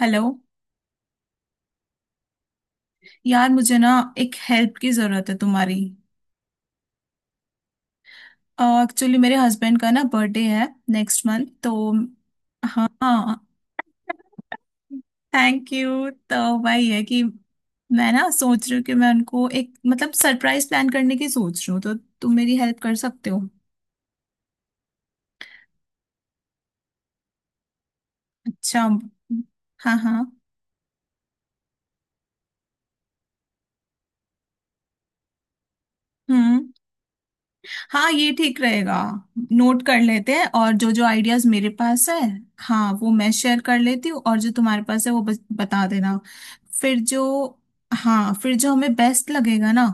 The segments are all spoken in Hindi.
हेलो। यार, मुझे ना एक हेल्प की ज़रूरत है तुम्हारी। एक्चुअली मेरे हस्बैंड का ना बर्थडे है नेक्स्ट मंथ, तो हाँ, थैंक यू। तो वही है कि मैं ना सोच रही हूँ कि मैं उनको एक मतलब सरप्राइज प्लान करने की सोच रही हूँ, तो तुम मेरी हेल्प कर सकते हो? अच्छा, हाँ हाँ। हम्म, हाँ, ये ठीक रहेगा। नोट कर लेते हैं और जो जो आइडियाज मेरे पास है, हाँ, वो मैं शेयर कर लेती हूँ, और जो तुम्हारे पास है वो बस बता देना। फिर जो हाँ, फिर जो हमें बेस्ट लगेगा ना,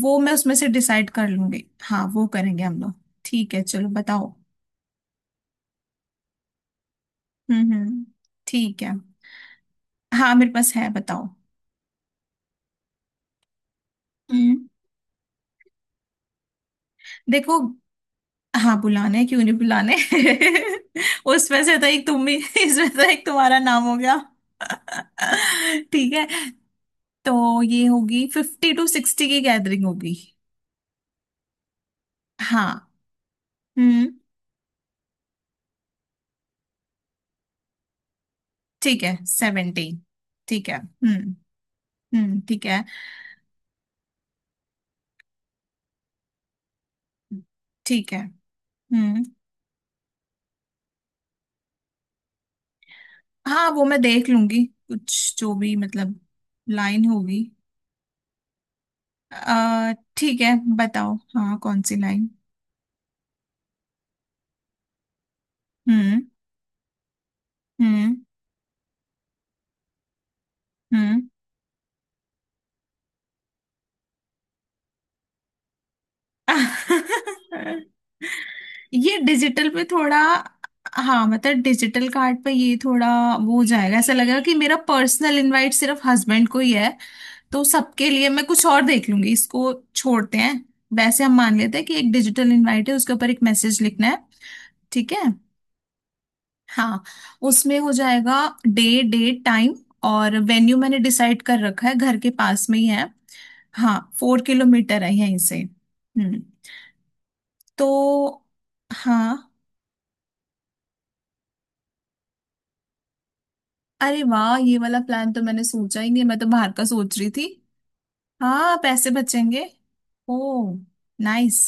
वो मैं उसमें से डिसाइड कर लूंगी। हाँ, वो करेंगे हम लोग। ठीक है, चलो बताओ। हम्म, ठीक है। हाँ मेरे पास है, बताओ। हम्म। देखो, हाँ बुलाने हैं, क्यों नहीं बुलाने। उसमें से तो एक तुम भी, इसमें तो एक तुम्हारा नाम हो गया। ठीक है। तो ये होगी 50-60 की गैदरिंग होगी। हाँ, हम्म ठीक है, 70। ठीक है, हम्म, ठीक है ठीक है, हम्म। हाँ, वो मैं देख लूंगी कुछ, जो भी मतलब लाइन होगी। ठीक है, बताओ, हाँ, कौन सी लाइन? हम्म हम्म हम्म। ये डिजिटल पे थोड़ा, हाँ मतलब डिजिटल कार्ड पे ये थोड़ा वो हो जाएगा, ऐसा लगेगा कि मेरा पर्सनल इनवाइट सिर्फ हस्बैंड को ही है, तो सबके लिए मैं कुछ और देख लूंगी, इसको छोड़ते हैं। वैसे हम मान लेते हैं कि एक डिजिटल इनवाइट है, उसके ऊपर एक मैसेज लिखना है। ठीक है। हाँ, उसमें हो जाएगा डे, डेट, टाइम और वेन्यू। मैंने डिसाइड कर रखा है, घर के पास में ही है। हाँ, 4 किलोमीटर है यहीं से। हम्म। तो, हाँ, अरे वाह, ये वाला प्लान तो मैंने सोचा ही नहीं, मैं तो बाहर का सोच रही थी। हाँ, पैसे बचेंगे। ओ, नाइस,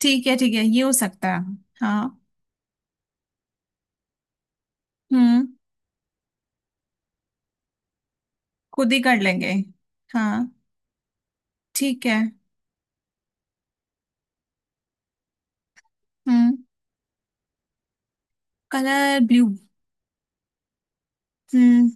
ठीक है ठीक है, ये हो सकता है। हाँ, हम्म, खुद ही कर लेंगे, हाँ। ठीक है, हम्म। कलर ब्लू, हम्म।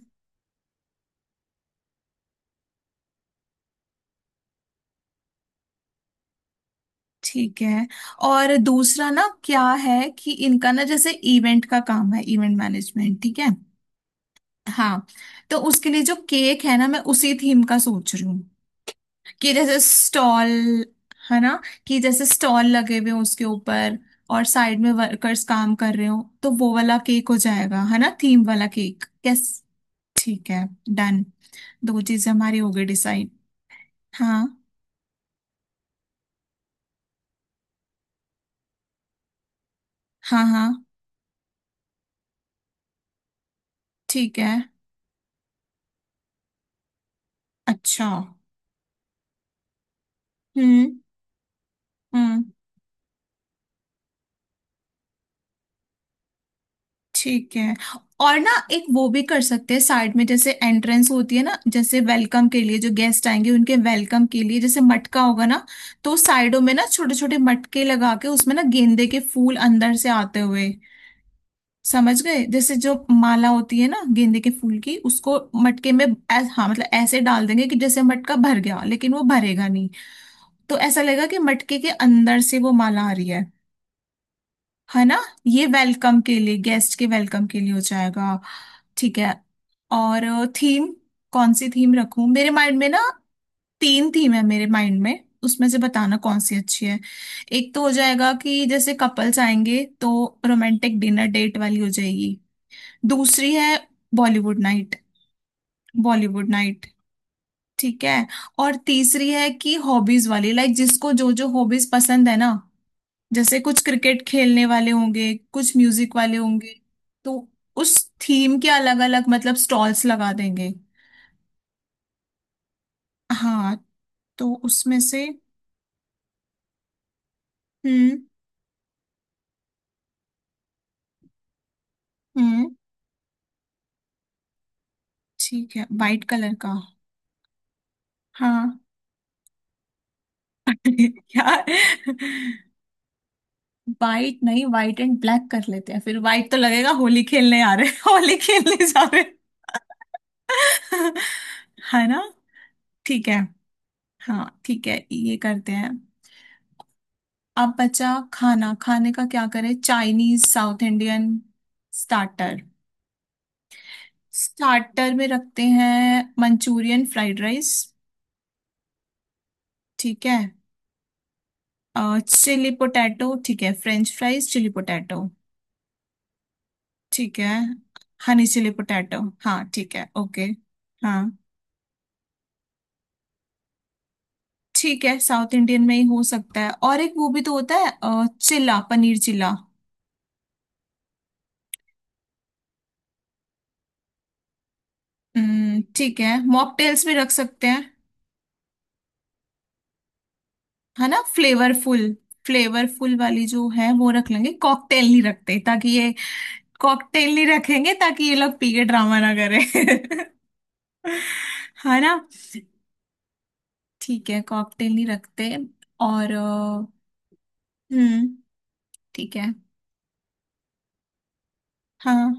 ठीक है। और दूसरा ना क्या है कि इनका ना जैसे इवेंट का काम है, इवेंट मैनेजमेंट, ठीक है, हाँ। तो उसके लिए जो केक है ना, मैं उसी थीम का सोच रही हूँ कि जैसे स्टॉल, है ना, कि जैसे स्टॉल लगे हुए हैं उसके ऊपर, और साइड में वर्कर्स काम कर रहे हो, तो वो वाला केक हो जाएगा, है ना, थीम वाला केक, यस। ठीक है, डन, दो चीजें हमारी हो गई डिसाइड। हाँ हाँ हाँ, ठीक है, अच्छा। हम्म हम्म, ठीक है। और ना एक वो भी कर सकते हैं, साइड में जैसे एंट्रेंस होती है ना, जैसे वेलकम के लिए जो गेस्ट आएंगे उनके वेलकम के लिए, जैसे मटका होगा ना, तो साइडों में ना छोटे छोटे मटके लगा के उसमें ना गेंदे के फूल अंदर से आते हुए, समझ गए, जैसे जो माला होती है ना गेंदे के फूल की, उसको मटके में हाँ, मतलब ऐसे डाल देंगे कि जैसे मटका भर गया लेकिन वो भरेगा नहीं, तो ऐसा लगेगा कि मटके के अंदर से वो माला आ रही है ना। ये वेलकम के लिए, गेस्ट के वेलकम के लिए हो जाएगा। ठीक है। और थीम, कौन सी थीम रखूं, मेरे माइंड में ना तीन थीम है, मेरे माइंड में उसमें से बताना कौन सी अच्छी है। एक तो हो जाएगा कि जैसे कपल्स आएंगे तो रोमांटिक डिनर डेट वाली हो जाएगी। दूसरी है बॉलीवुड नाइट, बॉलीवुड नाइट। ठीक है। और तीसरी है कि हॉबीज वाली, लाइक जिसको जो जो हॉबीज पसंद है ना, जैसे कुछ क्रिकेट खेलने वाले होंगे, कुछ म्यूजिक वाले होंगे, तो उस थीम के अलग अलग मतलब स्टॉल्स लगा देंगे। हाँ, तो उसमें से। हम्म हम्म, ठीक है, वाइट कलर का, हाँ। यार वाइट नहीं, वाइट एंड ब्लैक कर लेते हैं, फिर वाइट तो लगेगा होली खेलने आ रहे, होली खेलने जा रहे। है ना। ठीक है, हाँ ठीक है, ये करते हैं। अब बचा खाना, खाने का क्या करें, Chinese, South Indian? Starter, starter में रखते हैं मंचूरियन फ्राइड राइस। ठीक है, चिली पोटैटो, ठीक है, फ्रेंच फ्राइज, चिली पोटैटो, ठीक है, हनी चिली पोटैटो, हाँ ठीक है, ओके। हाँ, ठीक है, साउथ इंडियन में ही हो सकता है, और एक वो भी तो होता है, चिल्ला, पनीर चिल्ला। ठीक है, मॉकटेल्स भी रख सकते हैं, है ना, फ्लेवरफुल, फ्लेवरफुल वाली जो है वो रख लेंगे, कॉकटेल नहीं रखते ताकि ये, कॉकटेल नहीं रखेंगे ताकि ये लोग पी के ड्रामा ना करें। है ना, ठीक है, कॉकटेल नहीं रखते। और हम्म, ठीक है, हाँ,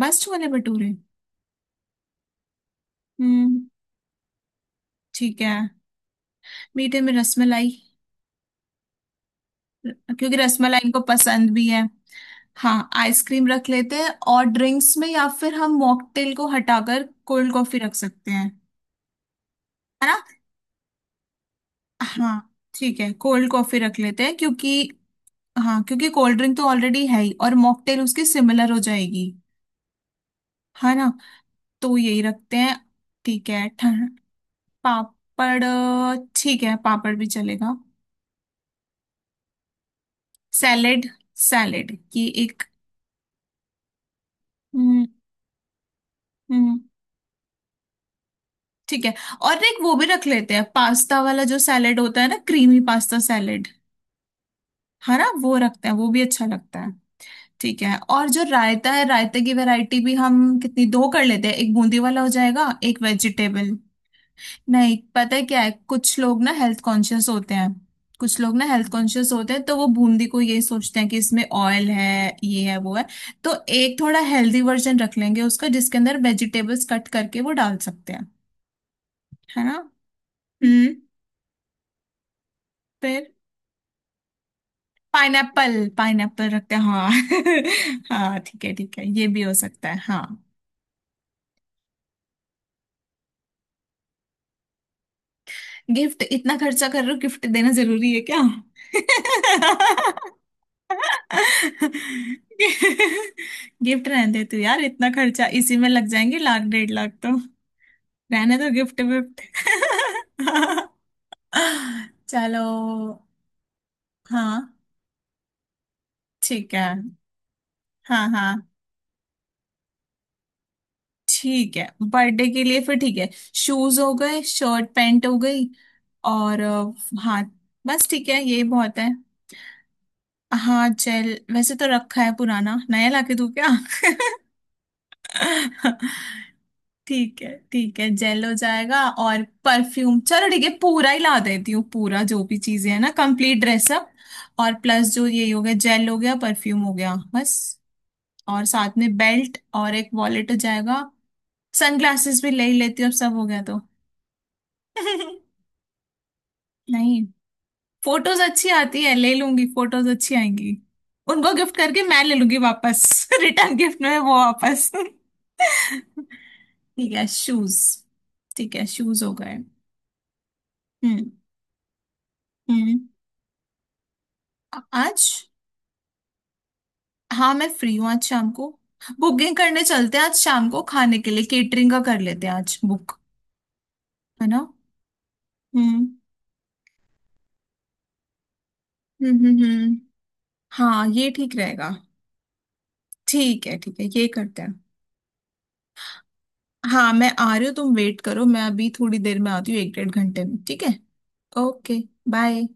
बस छोले भटूरे। हम्म, ठीक है। मीठे में रसमलाई, क्योंकि रसमलाई इनको पसंद भी है। हाँ, आइसक्रीम रख लेते हैं और ड्रिंक्स में, या फिर हम मॉकटेल को हटाकर कोल्ड कॉफी रख सकते हैं। है। हाँ ठीक है, कोल्ड कॉफी रख लेते हैं क्योंकि, हाँ, क्योंकि कोल्ड ड्रिंक तो ऑलरेडी है ही, और मॉकटेल उसकी सिमिलर हो जाएगी, है ना। तो यही रखते हैं। ठीक है। ठंड, पापड़, ठीक है, पापड़ भी चलेगा। सैलेड, सैलेड ये एक। हम्म हम्म, ठीक है। और ना एक वो भी रख लेते हैं पास्ता वाला जो सैलेड होता है ना, क्रीमी पास्ता सैलेड, है ना, वो रखते हैं, वो भी अच्छा लगता है। ठीक है। और जो रायता है, रायते की वैरायटी भी हम कितनी, दो कर लेते हैं, एक बूंदी वाला हो जाएगा, एक वेजिटेबल। नहीं, पता है क्या है, कुछ लोग ना हेल्थ कॉन्शियस होते हैं, कुछ लोग ना हेल्थ कॉन्शियस होते हैं, तो वो बूंदी को ये सोचते हैं कि इसमें ऑयल है, ये है वो है, तो एक थोड़ा हेल्दी वर्जन रख लेंगे उसका जिसके अंदर वेजिटेबल्स कट करके वो डाल सकते हैं, है ना। हम्म। फिर पाइनएप्पल, पाइनएप्पल रखते हैं, हाँ। हाँ ठीक है, ठीक है, ये भी हो सकता है, हाँ। गिफ्ट? इतना खर्चा कर रहे हो, गिफ्ट देना जरूरी है क्या? गिफ्ट रहने दे तू यार, इतना खर्चा इसी में लग जाएंगे, लाख 1.5 लाख तो। रहने दो गिफ्ट विफ्ट। चलो, हाँ ठीक है, हाँ हाँ, ठीक है बर्थडे के लिए, फिर ठीक है, शूज हो गए, शर्ट पैंट हो गई, और हाँ, बस, ठीक है, ये बहुत है। हाँ, जेल, वैसे तो रखा है पुराना, नया लाके दूँ क्या? ठीक है ठीक है, जेल हो जाएगा। और परफ्यूम, चलो ठीक है, पूरा ही ला देती हूँ, पूरा जो भी चीजें है ना, कंप्लीट ड्रेसअप। और प्लस जो ये हो गया, जेल हो गया, परफ्यूम हो गया, बस। और साथ में बेल्ट और एक वॉलेट हो जाएगा, सनग्लासेस भी ले ही लेती हूँ, अब सब हो गया तो। नहीं, फोटोज अच्छी आती है, ले लूंगी, फोटोज अच्छी आएंगी। उनको गिफ्ट करके मैं ले लूंगी वापस। रिटर्न गिफ्ट में वो वापस। ठीक है, शूज। ठीक है, शूज हो गए। हम्म हम्म। आज? हाँ, मैं फ्री हूँ आज शाम को। बुकिंग करने चलते हैं आज शाम को, खाने के लिए केटरिंग का कर लेते हैं आज बुक, है ना। हम्म हम्म हम्म हम्म। हाँ, ये ठीक रहेगा। ठीक है ठीक है, ये करते हैं। हाँ, मैं आ रही हूँ, तुम वेट करो, मैं अभी थोड़ी देर में आती हूँ, 1-1.5 घंटे में, ठीक है। Okay, bye.